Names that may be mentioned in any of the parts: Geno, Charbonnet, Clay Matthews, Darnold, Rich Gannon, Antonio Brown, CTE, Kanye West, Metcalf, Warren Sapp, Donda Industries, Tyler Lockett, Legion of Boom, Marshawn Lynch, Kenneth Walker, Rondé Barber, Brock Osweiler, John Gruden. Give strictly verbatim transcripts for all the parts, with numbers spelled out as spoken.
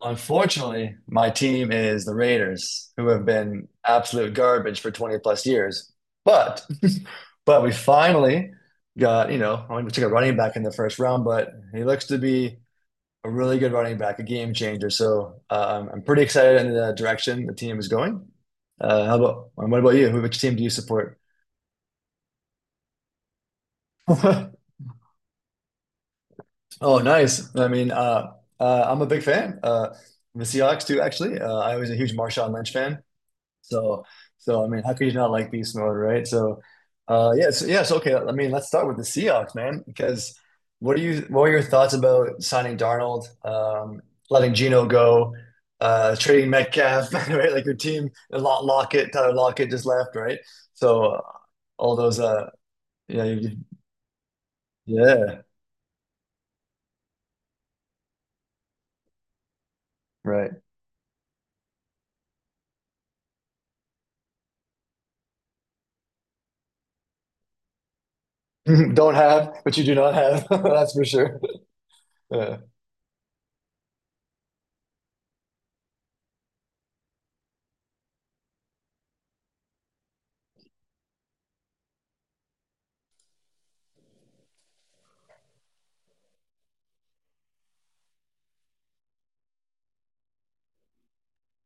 Unfortunately, my team is the Raiders, who have been absolute garbage for twenty plus years. But but we finally got, you know, I mean, we took a running back in the first round, but he looks to be a really good running back, a game changer. So um, I'm pretty excited in the direction the team is going. Uh, how about what about you? Who- Which team do you support? Oh, nice. I mean, uh, uh, I'm a big fan uh, of the Seahawks too, actually. Uh, I was a huge Marshawn Lynch fan. So, so I mean, how could you not like beast mode, right? So, uh, yeah, so, yeah, so okay. I mean, let's start with the Seahawks, man, because what do you, what were your thoughts about signing Darnold, um, letting Geno go, uh, trading Metcalf, right? Like your team, Lock Lockett, Tyler Lockett just left, right? So uh, all those, uh, yeah, you, you- yeah, right. Don't have, but you do not have. That's for sure. Yeah.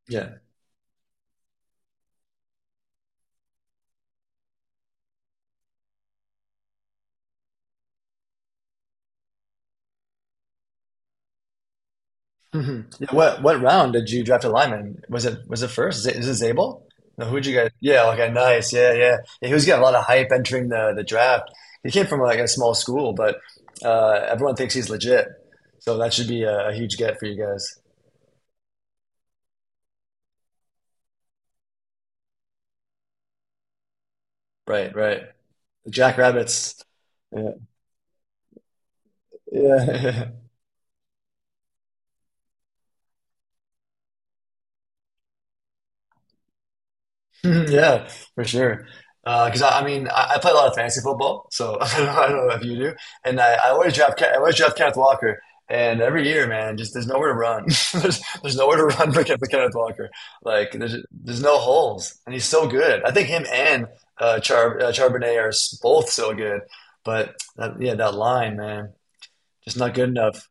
Yeah. hmm What what round did you draft a lineman? Was it was it first? Is it, is it Zabel? No, who'd you guys? Yeah, okay, nice. Yeah, yeah, yeah. He was getting a lot of hype entering the the draft. He came from like a small school, but uh, everyone thinks he's legit. So that should be a, a huge get for you guys. Right, right. The Jackrabbits. Yeah, yeah. Yeah, for sure. Because I, I mean, I, I play a lot of fantasy football, so I don't know, I don't know if you do. And I, I always draft, Ke- I always draft Kenneth Walker. And every year, man, just there's nowhere to run. There's there's nowhere to run for, Ken- for Kenneth Walker. Like there's there's no holes, and he's so good. I think him and uh, Char uh, Charbonnet are s- both so good. But that, yeah, that line, man, just not good enough.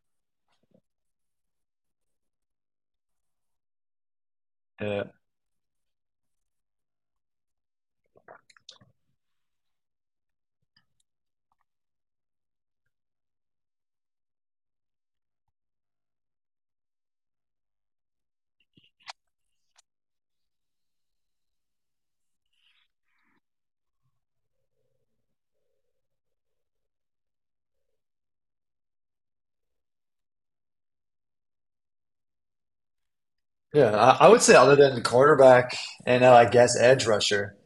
Yeah. Yeah, I, I would say other than cornerback and uh, I guess edge rusher,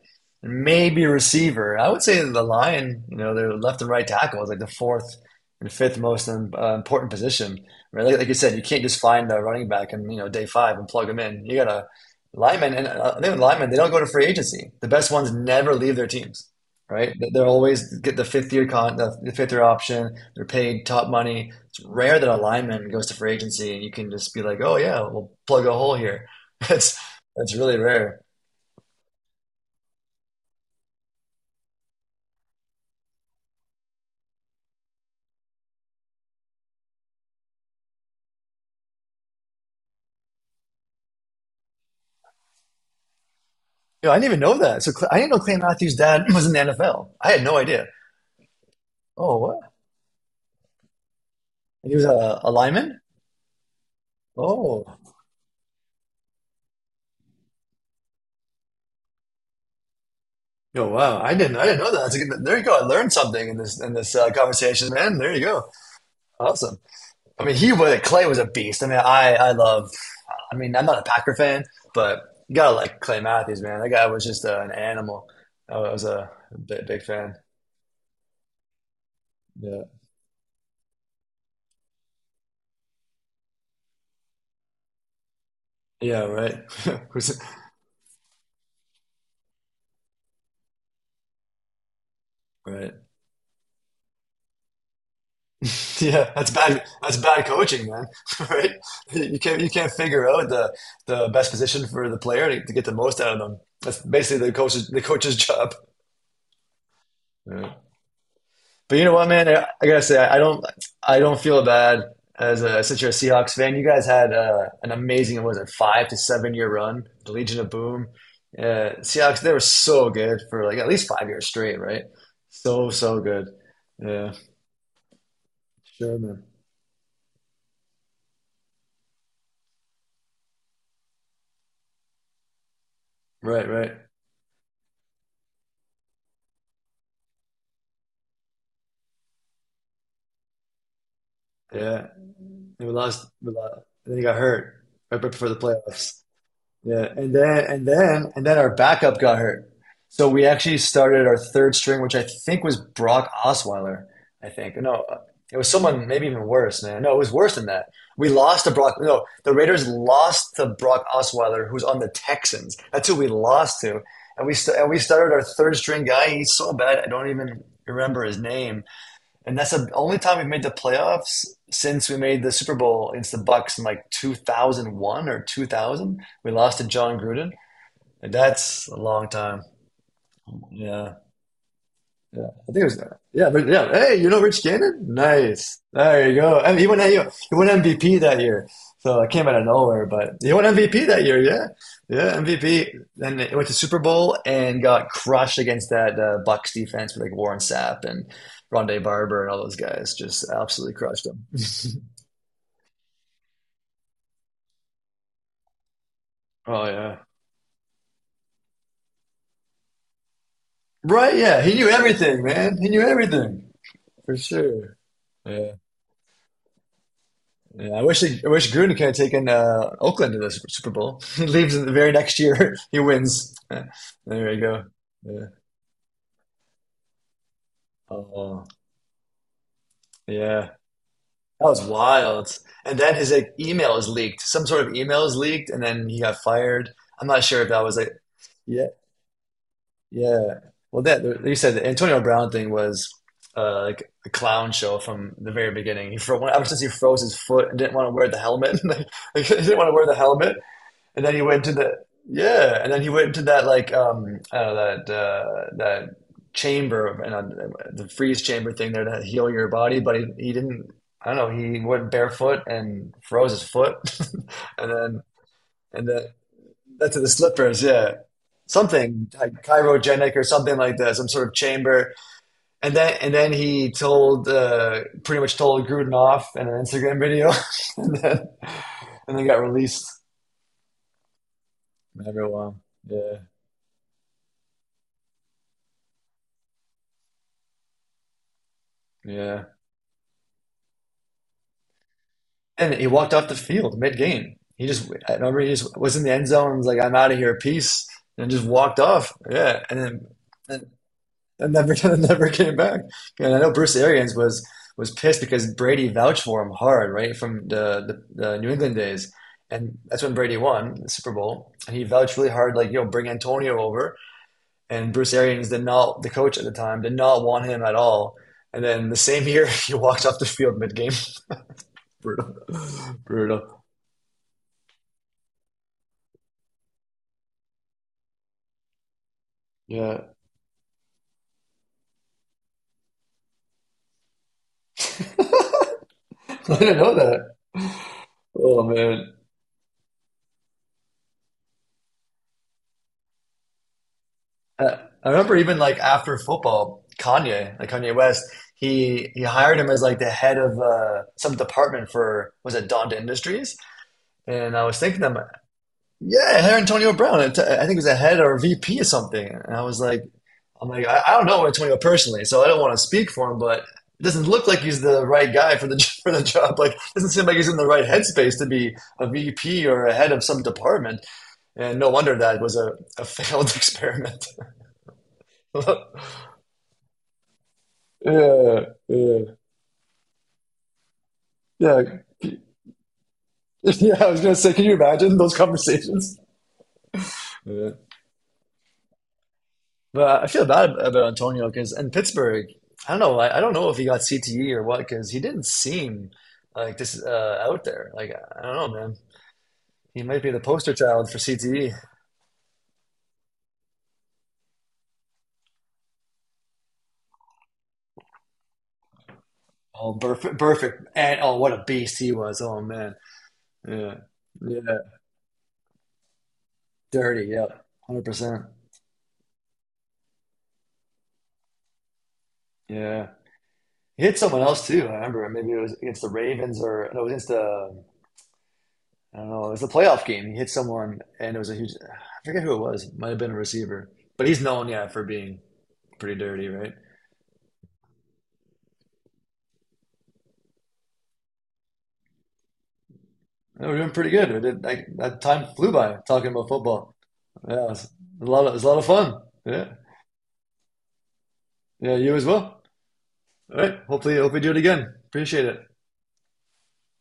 maybe receiver. I would say the line, you know, their left and right tackle is like the fourth and fifth most um, uh, important position. Right? Like, like you said, you can't just find a running back and you know day five and plug him in. You got to linemen, and uh, I think with linemen they don't go to free agency. The best ones never leave their teams. Right? They- They're always get the fifth year con the, the fifth year option. They're paid top money rare that a lineman goes to free agency and you can just be like, oh yeah, we'll plug a hole here. That's that's really rare. You know, I didn't even know that. So I didn't know Clay Matthews' dad was in the N F L. I had no idea. Oh, what? And he was a, a lineman. Oh, oh wow! I didn't I didn't know that. That's a good, there you go. I learned something in this in this uh, conversation, man. There you go. Awesome. I mean, he was Clay was a beast. I mean, I I love. I mean, I'm not a Packer fan, but you gotta like Clay Matthews, man. That guy was just uh, an animal. I was a big, big fan. Yeah. Yeah, right. Who's- Right. Yeah, that's bad. That's bad coaching, man. Right? You can't you can't figure out the the best position for the player to, to get the most out of them. That's basically the coach's the coach's job. Yeah. But you know what, man? I, I gotta say, I, I don't I don't feel bad as a since you're a Seahawks fan. You guys had uh, an amazing, what was it, five to seven year run, the Legion of Boom. Uh, Seahawks, they were so good for like at least five years straight, right? So so good. Yeah, sure, man. Right, right. Yeah. And we lost, we lost. And then he got hurt right before the playoffs. Yeah. And then, and then, and then our backup got hurt. So we actually started our third string, which I think was Brock Osweiler. I think. No, it was someone maybe even worse, man. No, it was worse than that. We lost to Brock. No, the Raiders lost to Brock Osweiler, who's on the Texans. That's who we lost to. And we, st- and we started our third string guy. He's so bad. I don't even remember his name. And that's the only time we've made the playoffs since we made the Super Bowl against the Bucks in like two thousand one or two thousand. We lost to John Gruden. And that's a long time. Yeah. Yeah, I think it was that. Yeah, but yeah, hey, you know Rich Gannon? Nice. There you go. And he won he won M V P that year. So I came out of nowhere, but he won M V P that year. Yeah, yeah, M V P. Then he went to Super Bowl and got crushed against that uh, Bucks defense with like Warren Sapp and Rondé Barber and all those guys. Just absolutely crushed him. Oh yeah. Right? Yeah, he knew everything, man. He knew everything for sure. Yeah. Yeah, I wish they, I wish Grunic had taken uh, Oakland to the Super Super Bowl. He leaves in the very next year. He wins. There you go. Yeah. Oh, yeah. That was wild. And then his like email is leaked. Some sort of email is leaked, and then he got fired. I'm not sure if that was like, yeah, yeah. Well, that like you said the Antonio Brown thing was uh, like a clown show from the very beginning. He fro ever since he froze his foot and didn't want to wear the helmet. Like, he didn't want to wear the helmet. And then he went to the yeah, and then he went to that like um I that uh, that chamber of- and uh, the freeze chamber thing there to heal your body, but he, he didn't. I don't know. He went barefoot and froze his foot, and then and then that's to the slippers. Yeah, something like chirogenic or something like that, some sort of chamber. And then and then he told uh, pretty much told Gruden off in an Instagram video, and then and then got released. After a while. Yeah, yeah. And he walked off the field mid-game. He just, I remember he just was in the end zone, was like, I'm out of here, peace, and just walked off. Yeah, and then and, and never never came back. And I know Bruce Arians was was pissed because Brady vouched for him hard, right, from the the, the New England days. And that's when Brady won the Super Bowl. And he vouched really hard, like, you know, bring Antonio over. And Bruce Arians did not, the coach at the time, did not want him at all. And then the same year, he walked off the field mid-game. Brutal. Brutal. Yeah. I didn't know that. Oh man. Uh, I remember even like after football, Kanye, like Kanye West, he he hired him as like the head of uh, some department for was it Donda Industries? And I was thinking to him, yeah, I hired Antonio Brown. And t- I think he was a head or V P or something. And I was like, I'm like, I, I don't know Antonio personally, so I don't want to speak for him, but it doesn't look like he's the right guy for the for the job. Like, doesn't seem like he's in the right headspace to be a V P or a head of some department. And no wonder that was a, a failed experiment. yeah, yeah, yeah, yeah. I was gonna say, can you imagine those conversations? Yeah. But I feel bad about Antonio because in Pittsburgh, I don't know. I, I don't know if he got C T E or what because he didn't seem like this uh, out there. Like I don't know, man. He might be the poster child for C T E. Oh, perfect, perfect, and oh, what a beast he was. Oh man, yeah, yeah, dirty, yeah, hundred percent, yeah. He hit someone else too. I remember maybe it was against the Ravens or no, it was against the I don't know. It was the playoff game. He hit someone, and it was a huge. I forget who it was. It Might have been a receiver, but he's known, yeah, for being pretty dirty, right? And we're doing pretty good. We did like that time flew by talking about football. Yeah, it was a lot. Of, it was a lot of fun. Yeah, yeah, you as well. All right. Hopefully, hope we do it again. Appreciate it.